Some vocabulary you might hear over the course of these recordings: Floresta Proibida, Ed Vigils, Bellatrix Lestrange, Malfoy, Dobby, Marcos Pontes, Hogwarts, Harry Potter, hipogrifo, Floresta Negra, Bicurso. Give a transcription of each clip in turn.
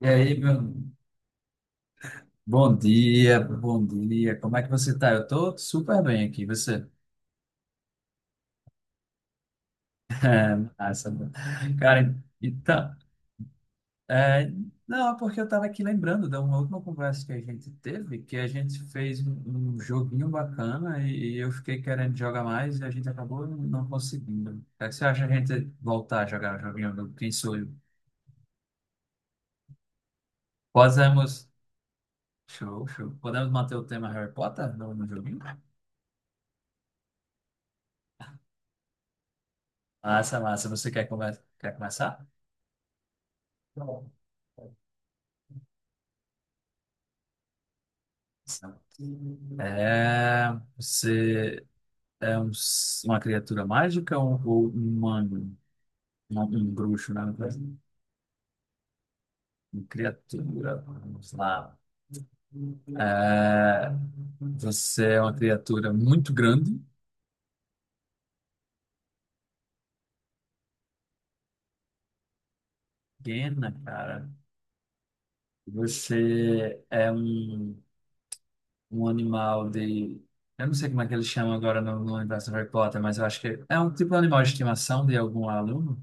E aí, meu... Bom dia, bom dia. Como é que você tá? Eu tô super bem aqui. Você? É, massa. Cara, então, é, não, é porque eu tava aqui lembrando da uma última conversa que a gente teve, que a gente fez um joguinho bacana e eu fiquei querendo jogar mais e a gente acabou não conseguindo. O que você acha a gente voltar a jogar o joguinho do Quem Sou Eu? Podemos. Show, show. Podemos manter o tema Harry Potter no joguinho? Massa, massa. Você quer, quer começar? É, você é uma criatura mágica ou um humano? Um bruxo, né? Uma criatura, vamos lá. É, você é uma criatura muito grande, pequena, cara. Você é um animal de. Eu não sei como é que eles chamam agora no universo do Harry Potter, mas eu acho que é um tipo de animal de estimação de algum aluno.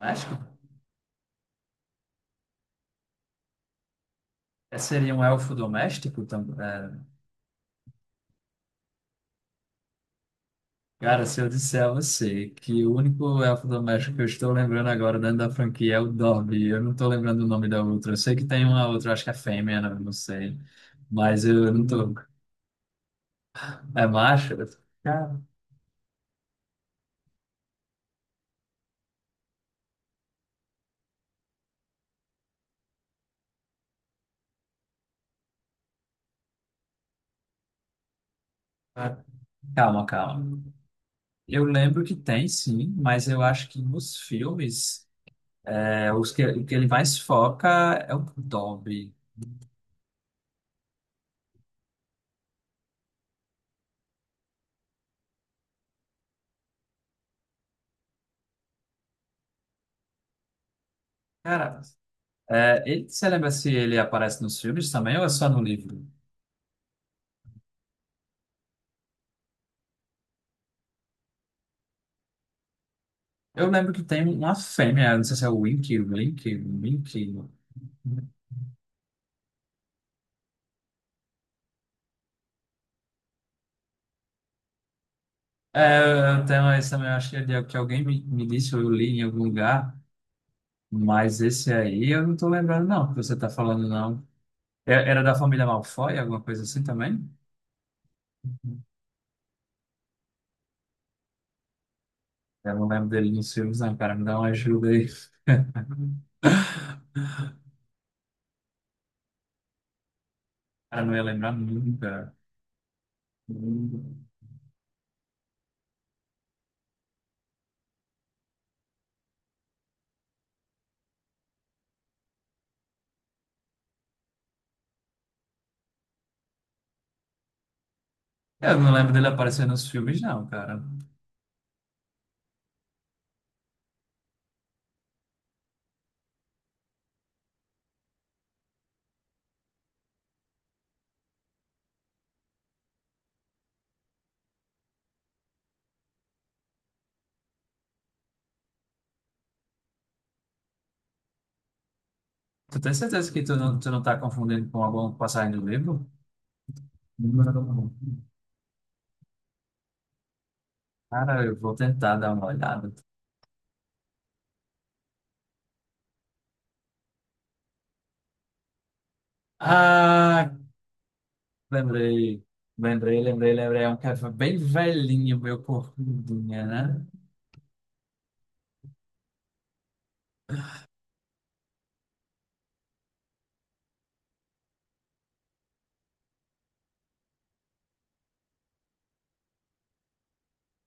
Acho. É, seria um elfo doméstico também? É. Cara, se eu disser a você que o único elfo doméstico que eu estou lembrando agora dentro da franquia é o Dobby, eu não estou lembrando o nome da outra. Eu sei que tem uma outra, acho que é fêmea, né? Não sei. Mas eu não tô. É macho? Cara, calma, calma. Eu lembro que tem sim, mas eu acho que nos filmes, é, o que ele mais foca é o Dobby. Cara, é, ele, você lembra se ele aparece nos filmes também ou é só no livro? Eu lembro que tem uma fêmea, não sei se é o Wink, Link, Wink. É, eu tenho esse também, eu acho que, que alguém me disse, ou eu li em algum lugar, mas esse aí eu não tô lembrando, não, que você tá falando, não. Era da família Malfoy, alguma coisa assim também? Eu não lembro dele nos filmes, não, cara, me dá uma ajuda aí. Cara, não ia lembrar nunca. Eu não lembro dele aparecer nos filmes, não, cara. Tu tem certeza que tu não tá confundindo com alguma passagem do livro? Não. Cara, eu vou tentar dar uma olhada. Ah, lembrei, lembrei, lembrei. É um cara bem velhinho, meu corcundinha, né?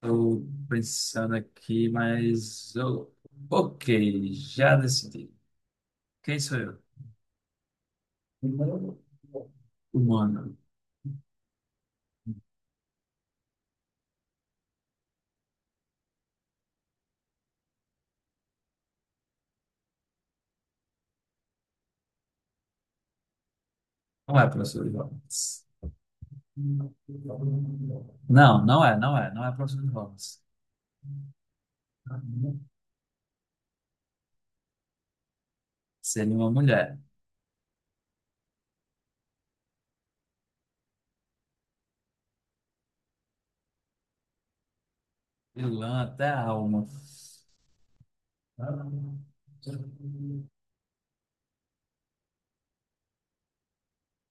Tô pensando aqui, mas... eu- Ok, já decidi. Quem sou eu? Humano. Não é professor de Hogwarts. Não é professor de Hogwarts. Seria uma mulher. Vilã até a alma.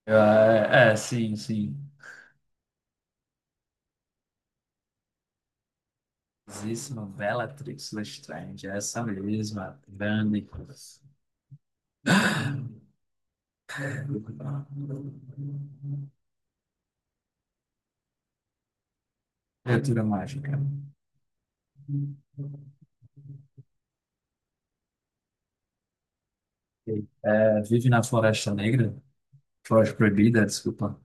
É, é, sim, sim. Exíssima Bellatrix Lestrange, é essa mesma, grande. Criatura mágica. É, vive na Floresta Negra, Floresta Proibida, desculpa.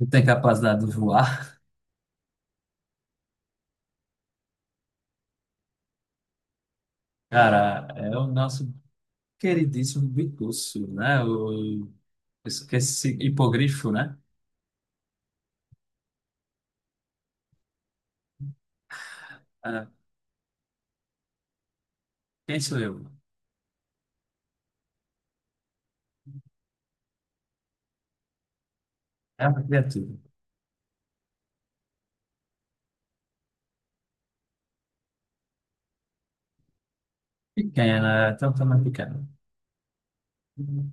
Não tem capacidade de voar. Cara, é o nosso queridíssimo Bicurso, né? Hipogrifo, né? Ah, quem sou eu? É uma criatura. Pequena, é, até o tamanho pequeno. Não,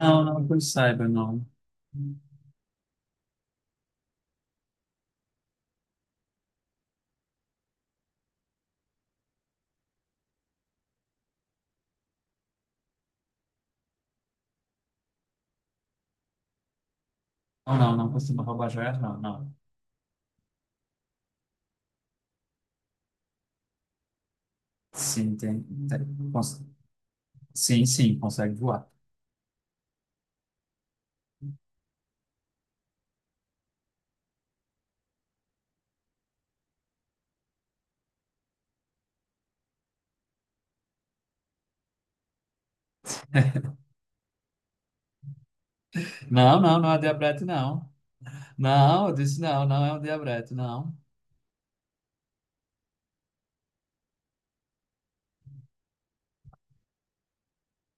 não que eu saiba, não. Não, não, não costuma roubar joias, não, não. Sim, tem- cons- sim, sim, consegue voar. Não, não, não é diabrete, não. Não, eu disse não, não é um diabrete, não.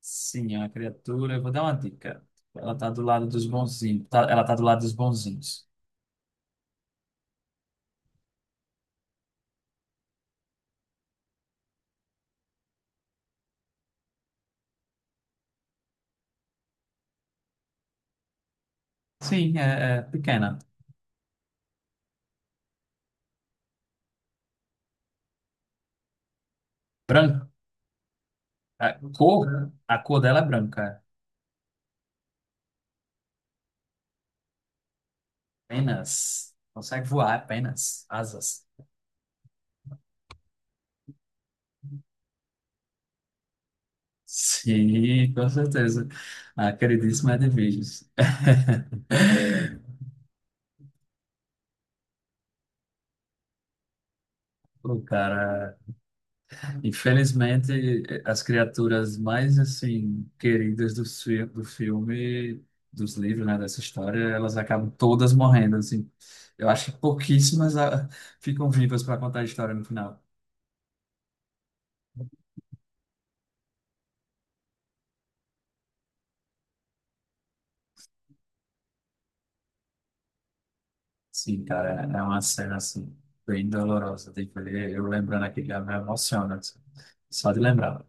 Sim, é uma criatura. Eu vou dar uma dica. Ela tá do lado dos bonzinhos. Ela tá do lado dos bonzinhos. Sim, é, é pequena. Branca. A a cor dela é branca. Apenas. Consegue voar, é apenas. Asas. Sim, com certeza. A queridíssima Ed Vigils. O cara, infelizmente, as criaturas mais assim queridas do, do filme, dos livros, né, dessa história, elas acabam todas morrendo, assim. Eu acho que pouquíssimas ficam vivas para contar a história no final. Sim, cara, é uma cena assim bem dolorosa. Tem que ver, eu lembrando aqui já me emociona, assim, só de lembrar.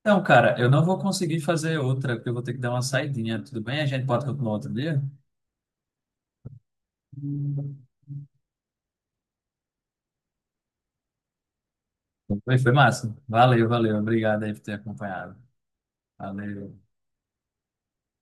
Então, cara, eu não vou conseguir fazer outra, porque eu vou ter que dar uma saidinha. Tudo bem? A gente pode continuar outro dia? Foi, foi massa. Valeu, valeu. Obrigado aí por ter acompanhado. Valeu.